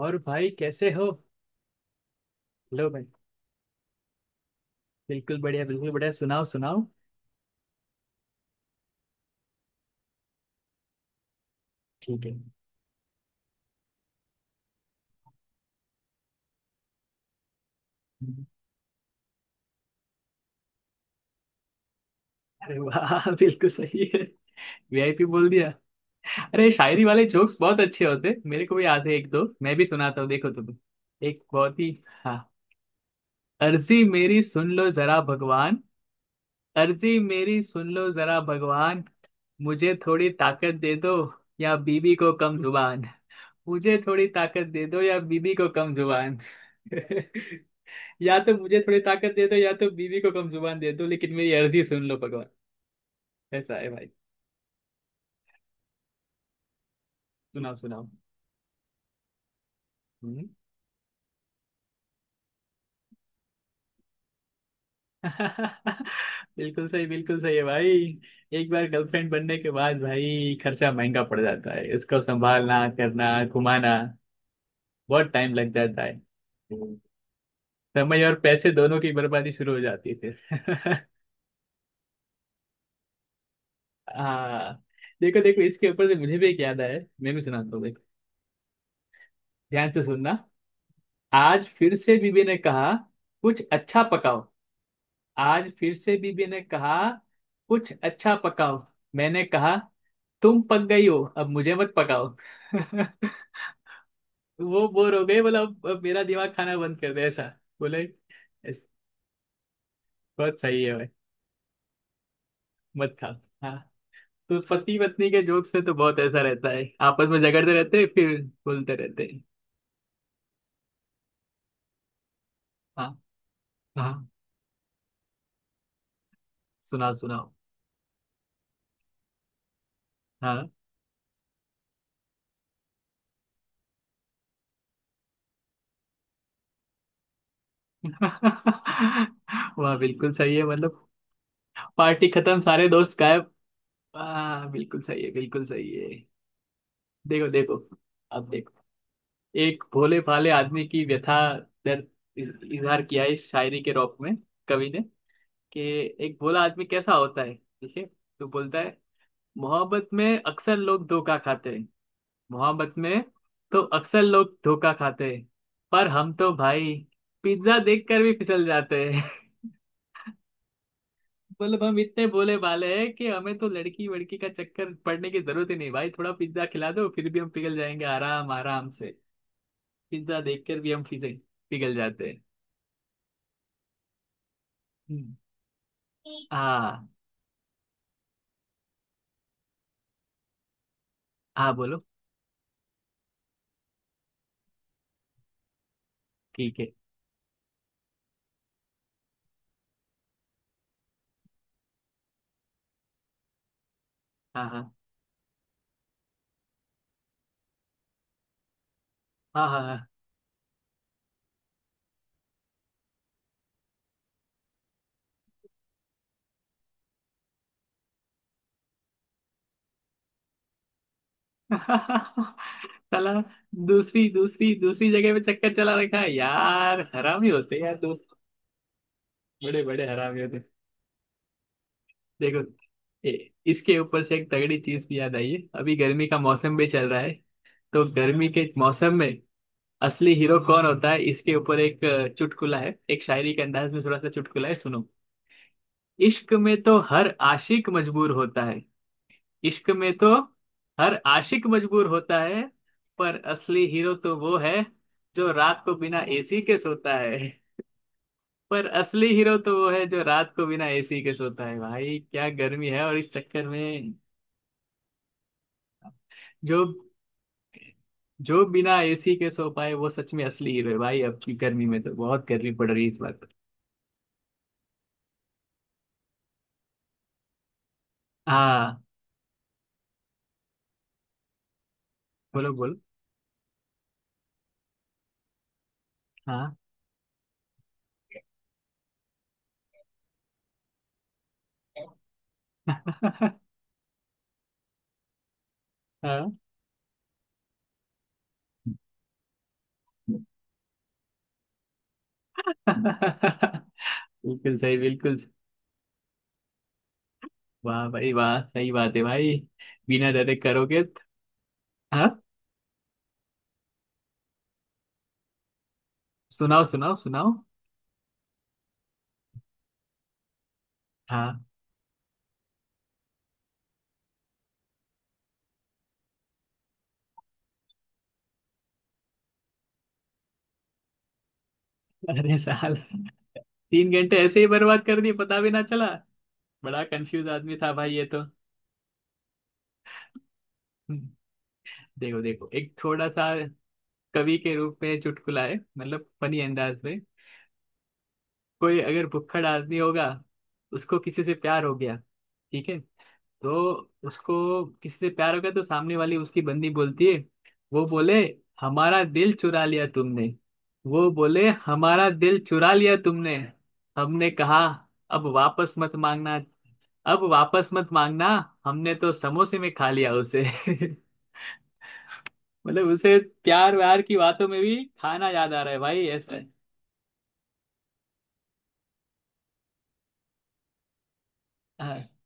और भाई कैसे हो? हेलो भाई। बिल्कुल बढ़िया, बिल्कुल बढ़िया, सुनाओ सुनाओ। ठीक है। अरे वाह बिल्कुल सही है। वीआईपी बोल दिया। अरे शायरी वाले जोक्स बहुत अच्छे होते, मेरे को भी याद है, एक दो मैं भी सुनाता हूँ, देखो तुम। एक बहुत ही, हाँ, अर्जी मेरी सुन लो जरा भगवान। अर्जी मेरी सुन लो जरा भगवान। मुझे थोड़ी ताकत दे दो या बीबी को कम जुबान। मुझे थोड़ी ताकत दे दो या बीबी को कम जुबान। या तो मुझे थोड़ी ताकत दे दो या तो बीवी को कम जुबान दे दो, लेकिन मेरी अर्जी सुन लो भगवान। ऐसा है भाई। सुनाओ सुनाओ। हम्म, बिल्कुल सही, बिल्कुल सही है भाई। एक बार गर्लफ्रेंड बनने के बाद भाई खर्चा महंगा पड़ जाता है, उसको संभालना करना घुमाना बहुत टाइम लग जाता है। हम्म। समय और पैसे दोनों की बर्बादी शुरू हो जाती है। फिर हाँ। देखो देखो, इसके ऊपर से मुझे भी एक याद आया, मैं भी सुनाता हूँ, देखो। ध्यान से सुनना। आज फिर से बीबी ने कहा कुछ अच्छा पकाओ। आज फिर से बीबी ने कहा कुछ अच्छा पकाओ। मैंने कहा तुम पक गई हो, अब मुझे मत पकाओ। वो बोर हो गए, बोला अब मेरा दिमाग खाना बंद कर दे, ऐसा बोले। "ऐस- बहुत सही है भाई। मत खाओ। हाँ, तो पति पत्नी के जोक्स में तो बहुत ऐसा रहता है, आपस में झगड़ते रहते हैं फिर बोलते रहते हैं। हाँ। हाँ, सुनाओ सुनाओ। हाँ। वाह, बिल्कुल सही है। मतलब पार्टी खत्म, सारे दोस्त गायब। हाँ, बिल्कुल सही है, बिल्कुल सही है। देखो देखो, अब देखो, एक भोले भाले आदमी की व्यथा, दर्द इजहार किया है इस शायरी के रौब में कवि ने, कि एक भोला आदमी कैसा होता है, ठीक है। तो बोलता है, मोहब्बत में अक्सर लोग धोखा खाते हैं। मोहब्बत में तो अक्सर लोग धोखा खाते हैं, पर हम तो भाई पिज्जा देखकर भी फिसल जाते हैं। मतलब हम इतने भोले भाले हैं कि हमें तो लड़की वड़की का चक्कर पड़ने की जरूरत ही नहीं भाई, थोड़ा पिज्जा खिला दो, फिर भी हम पिघल जाएंगे आराम आराम से। पिज्जा देखकर भी हम फिजे पिघल जाते हैं। हम्म, हाँ। हाँ, बोलो। ठीक है। हाँ हाँ हाँ हाँ हाँ। साला, दूसरी दूसरी दूसरी जगह पे चक्कर चला रखा है, यार हरामी होते हैं यार दोस्त, बड़े बड़े हरामी होते हैं। देखो, इसके ऊपर से एक तगड़ी चीज भी याद आई है, अभी गर्मी का मौसम भी चल रहा है। तो गर्मी के मौसम में असली हीरो कौन होता है, इसके ऊपर एक चुटकुला है, एक शायरी के अंदाज में थोड़ा सा चुटकुला है, सुनो। इश्क में तो हर आशिक मजबूर होता है। इश्क में तो हर आशिक मजबूर होता है, पर असली हीरो तो वो है जो रात को बिना एसी के सोता है। पर असली हीरो तो वो है जो रात को बिना एसी के सोता है, भाई क्या गर्मी है, और इस चक्कर में जो जो बिना एसी के सो पाए वो सच में असली हीरो है भाई। अब की गर्मी में तो बहुत गर्मी पड़ रही है इस बार। हाँ, बोलो बोलो। हाँ। हाँ। बिल्कुल सही, बिल्कुल सही। वाह भाई वाह, सही बात है भाई। बिना डरे करोगे तो- हाँ, सुनाओ सुनाओ सुनाओ। हाँ। अरे साल 3 घंटे ऐसे ही बर्बाद कर दिए, पता भी ना चला। बड़ा कंफ्यूज आदमी था भाई ये तो। देखो देखो, एक थोड़ा सा कवि के रूप में चुटकुला है, मतलब फनी अंदाज में। कोई अगर भुक्खड़ आदमी होगा, उसको किसी से प्यार हो गया, ठीक है, तो उसको किसी से प्यार हो गया तो सामने वाली उसकी बंदी बोलती है। वो बोले हमारा दिल चुरा लिया तुमने। वो बोले हमारा दिल चुरा लिया तुमने। हमने कहा अब वापस मत मांगना, अब वापस मत मांगना, हमने तो समोसे में खा लिया उसे। मतलब उसे, प्यार व्यार की बातों में भी खाना याद आ रहा है, भाई ऐसा है। हाँ।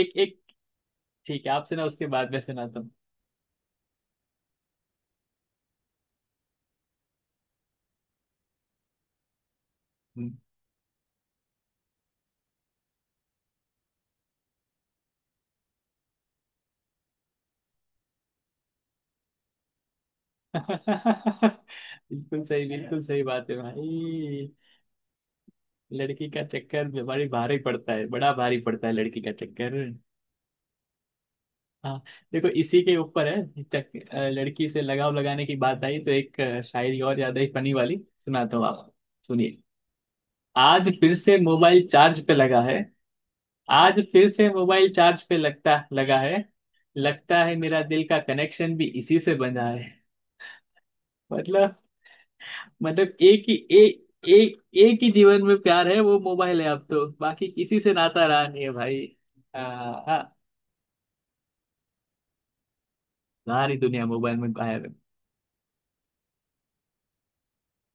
एक एक, ठीक है, आपसे ना उसके बाद में सुनाता हूँ। हम्म। बिल्कुल सही, बिल्कुल सही बात है भाई। लड़की का चक्कर भी बड़ी भारी पड़ता है, बड़ा भारी पड़ता है लड़की का चक्कर। हाँ, देखो, इसी के ऊपर है लड़की से लगाव लगाने की बात आई, तो एक शायरी और ज्यादा ही फनी वाली सुनाता हूँ आप, सुनिए। आज फिर से मोबाइल चार्ज पे लगा है। आज फिर से मोबाइल चार्ज पे लगता लगा है। लगता है मेरा दिल का कनेक्शन भी इसी से बंधा है। मतलब, मतलब एक ही एक एक ही जीवन में प्यार है, वो मोबाइल है, अब तो बाकी किसी से नाता रहा नहीं है भाई। आ, सारी दुनिया मोबाइल में गायब है।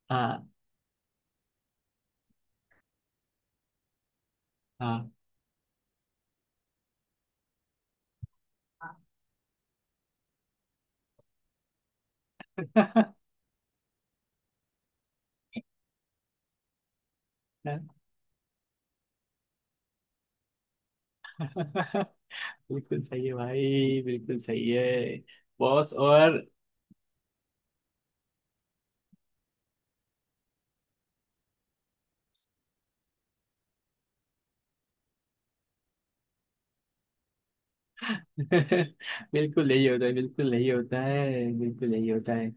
हाँ हाँ। बिल्कुल सही है भाई, बिल्कुल सही है। बॉस और बिल्कुल यही होता है, बिल्कुल यही होता है, बिल्कुल यही होता है।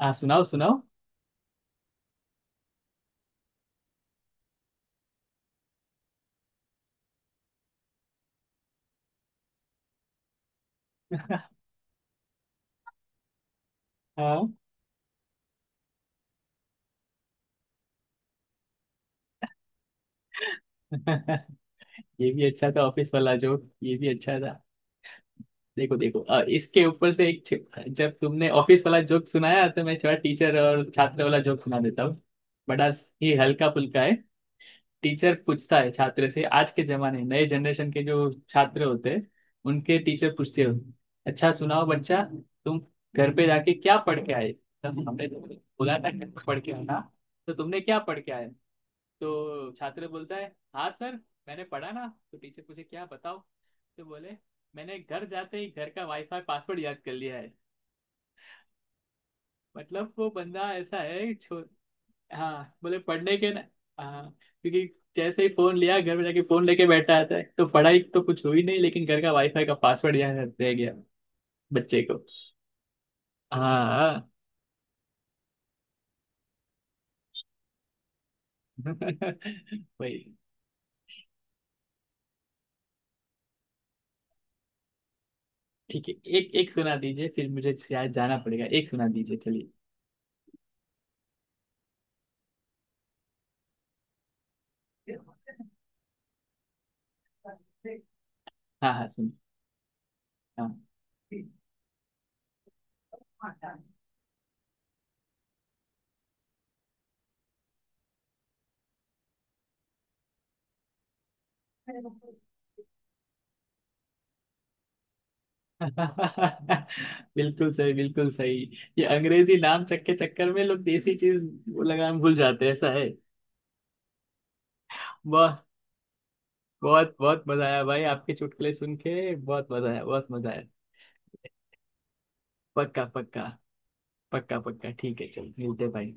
हाँ, सुनाओ सुनाओ। हाँ। ये भी अच्छा था, ऑफिस वाला जोक ये भी अच्छा था। देखो देखो, इसके ऊपर से एक जब तुमने ऑफिस वाला जोक सुनाया तो मैं थोड़ा टीचर और छात्र वाला जोक सुना देता हूँ। बड़ा ही हल्का फुल्का। टीचर पूछता है छात्र से, आज के जमाने नए जनरेशन के जो छात्र होते हैं उनके टीचर पूछते हो, अच्छा सुनाओ बच्चा, तुम घर पे जाके क्या पढ़ के आए, तब हमने बोला था घर पे पढ़ के आना, तो तुमने क्या पढ़ के आए? तो छात्र बोलता है, हाँ सर मैंने पढ़ा, ना तो टीचर पूछे क्या बताओ, तो बोले मैंने घर जाते ही घर का वाईफाई पासवर्ड याद कर लिया है। मतलब वो बंदा ऐसा है हाँ, बोले पढ़ने के ना, हाँ, क्योंकि जैसे ही फोन लिया, घर में जाके फोन लेके बैठा रहता है, तो पढ़ाई तो कुछ हुई नहीं, लेकिन घर का वाईफाई का पासवर्ड यहाँ रह गया बच्चे को। हाँ। वही, ठीक है, एक एक सुना दीजिए फिर, मुझे शायद जाना पड़ेगा, एक सुना दीजिए, चलिए। हाँ हाँ सुन, हाँ। बिल्कुल सही, बिल्कुल सही। ये अंग्रेजी नाम चक्के चक्कर में लोग देसी चीज लगाम भूल जाते हैं ऐसा है। बहुत बहुत मजा आया भाई, आपके चुटकुले सुन के बहुत मजा आया, बहुत मजा आया। पक्का पक्का, पक्का पक्का, ठीक है, चल मिलते हैं भाई।